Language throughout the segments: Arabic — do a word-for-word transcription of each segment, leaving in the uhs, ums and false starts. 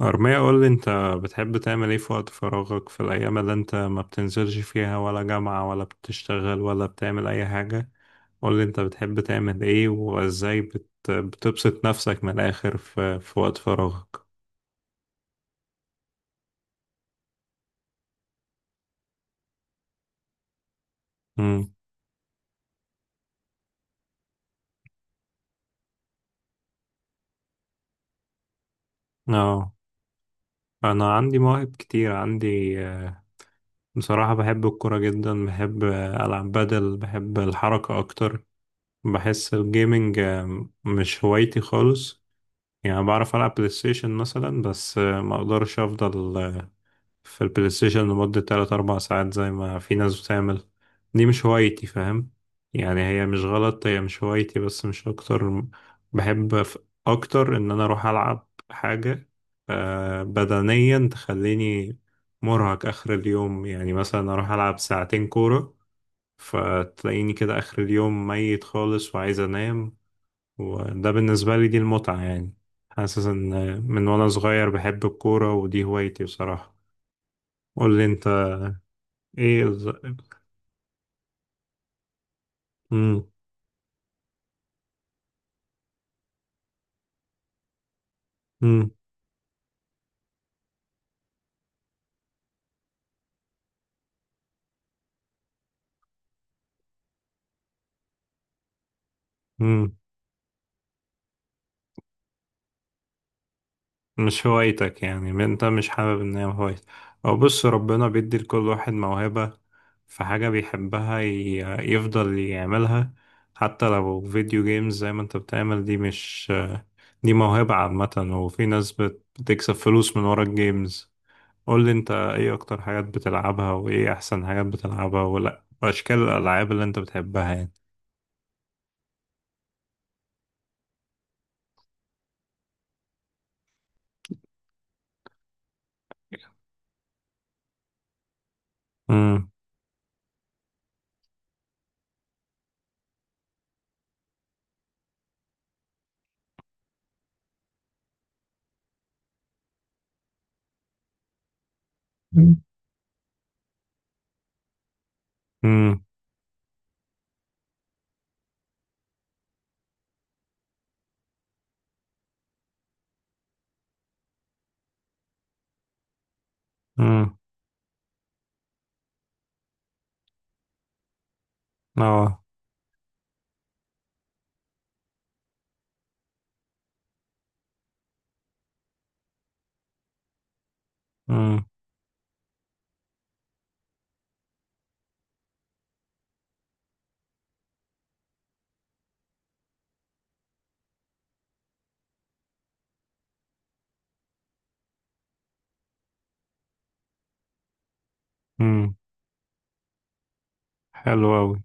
أرمية، قول لي أنت بتحب تعمل إيه في وقت فراغك، في الأيام اللي أنت ما بتنزلش فيها ولا جامعة ولا بتشتغل ولا بتعمل أي حاجة؟ قول لي أنت بتحب تعمل إيه وإزاي بت... بتبسط نفسك من الآخر في, في وقت فراغك؟ امم. أه أنا عندي مواهب كتير، عندي آه، بصراحة بحب الكورة جدا، بحب آه، ألعب بدل، بحب الحركة أكتر. بحس الجيمنج آه، مش هوايتي خالص. يعني بعرف ألعب بلاي ستيشن مثلا، بس آه، ما أقدرش أفضل آه، في البلاي ستيشن لمدة تلات أربع ساعات زي ما في ناس بتعمل. دي مش هوايتي، فاهم؟ يعني هي مش غلط، هي مش هوايتي بس، مش أكتر. بحب ف- أكتر إن أنا أروح ألعب حاجة آه، بدنيا تخليني مرهق آخر اليوم. يعني مثلا أروح ألعب ساعتين كورة، فتلاقيني كده آخر اليوم ميت خالص وعايز أنام. وده بالنسبة لي دي المتعة يعني. حاسس ان من وانا صغير بحب الكورة ودي هوايتي بصراحة. قول لي انت. ايه الز... مم. مم. مم. مش هوايتك يعني؟ ما انت مش حابب ان هي هوايتك. او بص، ربنا بيدي لكل واحد موهبة، في حاجة بيحبها ي... يفضل يعملها. حتى لو فيديو جيمز زي ما انت بتعمل، دي مش، دي موهبة عامة. وفي ناس بت... بتكسب فلوس من ورا الجيمز. قول لي انت، ايه اكتر حاجات بتلعبها وايه احسن حاجات بتلعبها ولا واشكال الالعاب اللي انت بتحبها يعني؟ امم. مم. امم. امم. اه. امم. امم. حلو قوي.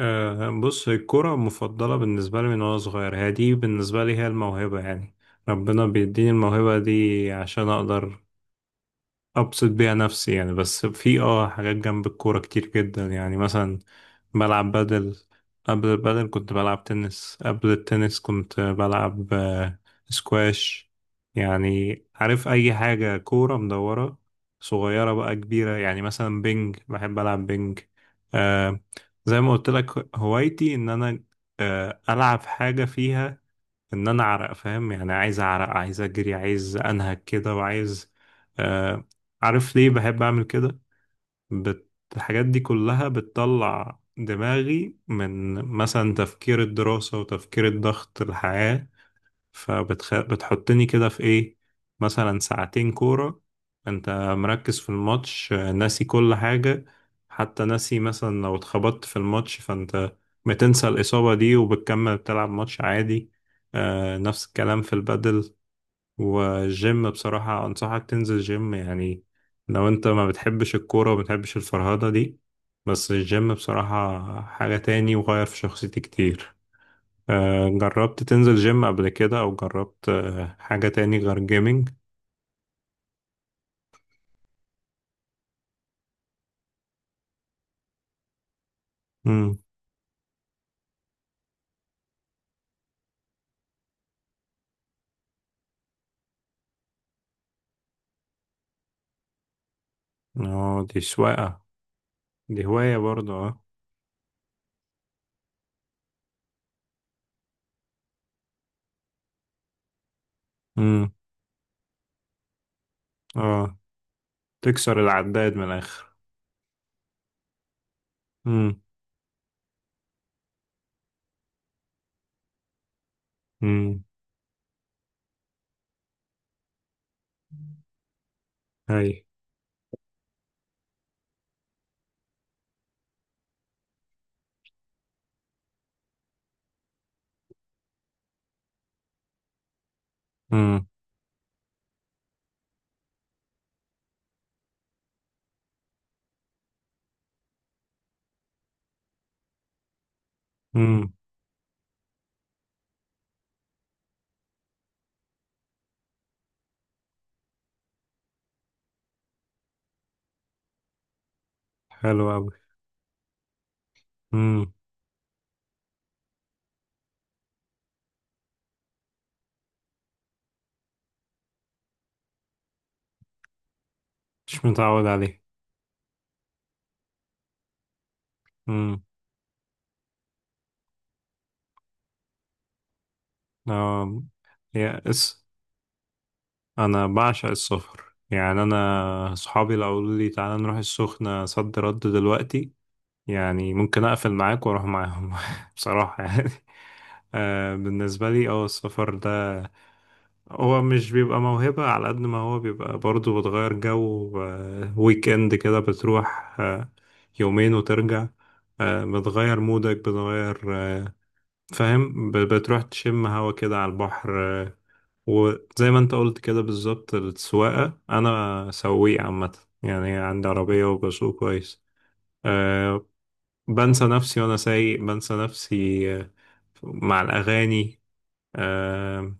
آه بص، الكرة المفضلة بالنسبة لي من وانا صغير، هي دي بالنسبة لي، هي الموهبة يعني. ربنا بيديني الموهبة دي عشان اقدر ابسط بيها نفسي يعني. بس في اه حاجات جنب الكورة كتير جدا. يعني مثلا بلعب بدل، قبل البدل كنت بلعب تنس، قبل التنس كنت بلعب آه، سكواش. يعني عارف، اي حاجة كورة مدورة صغيرة بقى كبيرة، يعني مثلا بينج، بحب العب بينج. آه زي ما قلت لك، هوايتي ان انا آه العب حاجة فيها ان انا اعرق، فاهم؟ يعني عايز اعرق، عايز اجري، عايز انهج كده، وعايز آه عارف ليه بحب اعمل كده؟ بت... الحاجات دي كلها بتطلع دماغي من مثلا تفكير الدراسة وتفكير الضغط الحياة. فبتخ... بتحطني كده في ايه، مثلا ساعتين كورة. انت مركز في الماتش، آه، ناسي كل حاجة. حتى ناسي مثلا لو اتخبطت في الماتش، فانت بتنسى الإصابة دي وبتكمل بتلعب ماتش عادي. آه نفس الكلام في البدل. والجيم بصراحة، أنصحك تنزل جيم يعني، لو انت ما بتحبش الكورة وما بتحبش الفرهدة دي. بس الجيم بصراحة حاجة تاني، وغير في شخصيتي كتير. آه، جربت تنزل جيم قبل كده؟ او جربت آه، حاجة تاني غير جيمنج؟ امم. اه، دي سواقة، دي هواية برضه. اه. امم. اه. تكسر العداد من الاخر. امم. امم. هاي. امم. امم. حلو قوي. امم. مش متعود عليه. امم. اه. يا اس، انا بعشق السفر. يعني انا اصحابي لو قالوا لي تعالى نروح السخنة صد رد دلوقتي، يعني ممكن اقفل معاك واروح معاهم. بصراحة يعني آه، بالنسبة لي اه السفر ده، هو مش بيبقى موهبة على قد ما هو بيبقى برضه بتغير جو. آه، ويك اند كده بتروح آه، يومين وترجع. آه، بتغير مودك، بتغير، آه، فاهم، ب- بتروح تشم هوا كده على البحر. آه، وزي ما انت قلت كده بالظبط، السواقة أنا سواق عامة، يعني عندي عربية وبسوق كويس. أه بنسى نفسي وأنا سايق، بنسى نفسي آه، مع الأغاني. آه،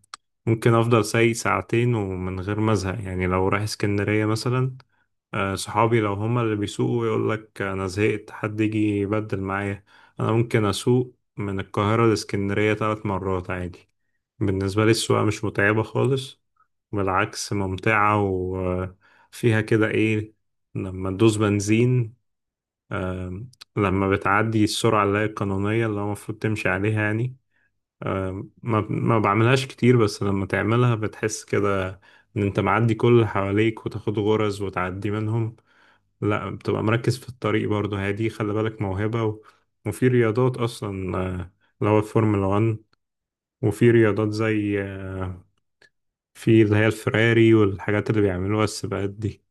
ممكن افضل سايق ساعتين ومن غير ما ازهق، يعني لو رايح اسكندرية مثلا. آه، صحابي لو هما اللي بيسوقوا يقول لك انا زهقت، حد يجي يبدل معايا. انا ممكن اسوق من القاهرة لاسكندرية ثلاث مرات عادي. بالنسبة لي السواقة مش متعبة خالص، بالعكس ممتعة. وفيها كده ايه، لما تدوس بنزين، لما بتعدي السرعة اللي هي القانونية اللي هو المفروض تمشي عليها يعني. آه، ما ما بعملهاش كتير، بس لما تعملها بتحس كده ان انت معدي كل اللي حواليك وتاخد غرز وتعدي منهم. لا بتبقى مركز في الطريق برضه، هي دي خلي بالك موهبة، و... وفي رياضات اصلا آه، اللي هو الفورمولا واحد. وفي رياضات زي آه، في اللي هي الفراري والحاجات اللي بيعملوها السباقات دي.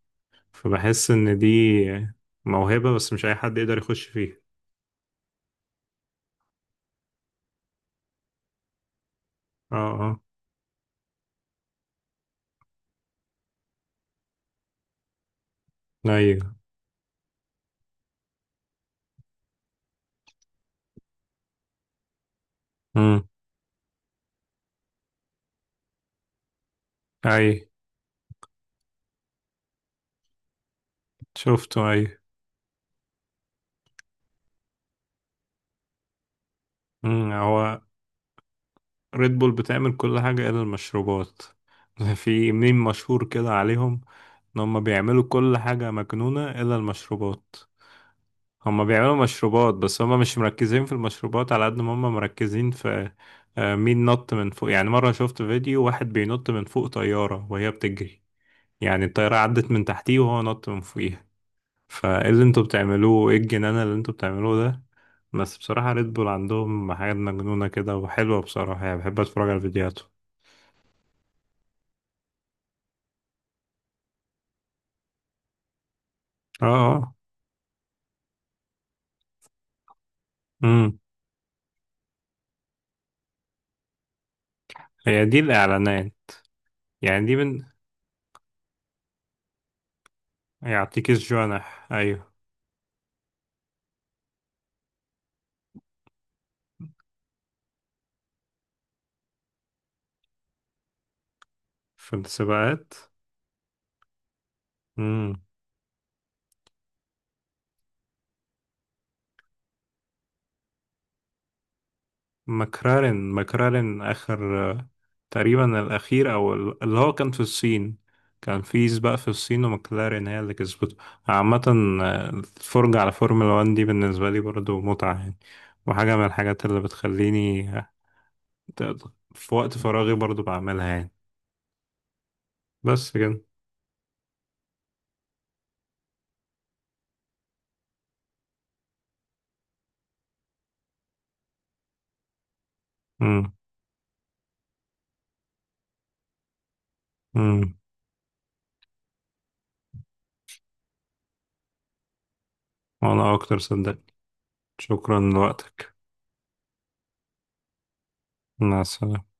فبحس ان دي موهبة بس مش اي حد يقدر يخش فيها. اه، اه، ايوه. امم. اي. شفته، اي. مم، هو ريد بول بتعمل كل حاجة إلا المشروبات. في ميم مشهور كده عليهم، إن هما بيعملوا كل حاجة مجنونة إلا المشروبات. هما بيعملوا مشروبات بس هما مش مركزين في المشروبات على قد ما هما مركزين في آه، مين نط من فوق، يعني مرة شفت فيديو واحد بينط من فوق طيارة وهي بتجري، يعني الطيارة عدت من تحتيه وهو نط من فوقيها. فايه اللي انتوا بتعملوه، ايه الجنان اللي انتوا بتعملوه ده؟ بس بصراحة ريد بول عندهم حاجات مجنونة كده وحلوة بصراحة، يعني بحب اتفرج على فيديوهاته. اه. اه. امم. هي دي الاعلانات يعني؟ دي من، يعطيكيش جوانح، ايوه. في السباقات. امم. مكرارن مكرارن اخر، آه، تقريبا الاخير، او ال- اللي هو كان في الصين، كان في سباق في الصين ومكلارين هي اللي كسبته. عامة آه، الفرجة على فورمولا واحد دي بالنسبة لي برضو متعة يعني، وحاجة من الحاجات اللي بتخليني آه، ت- في وقت فراغي برضو بعملها يعني. بس كده. امم. امم. وانا اكتر صدق. شكرا لوقتك. مع السلامة.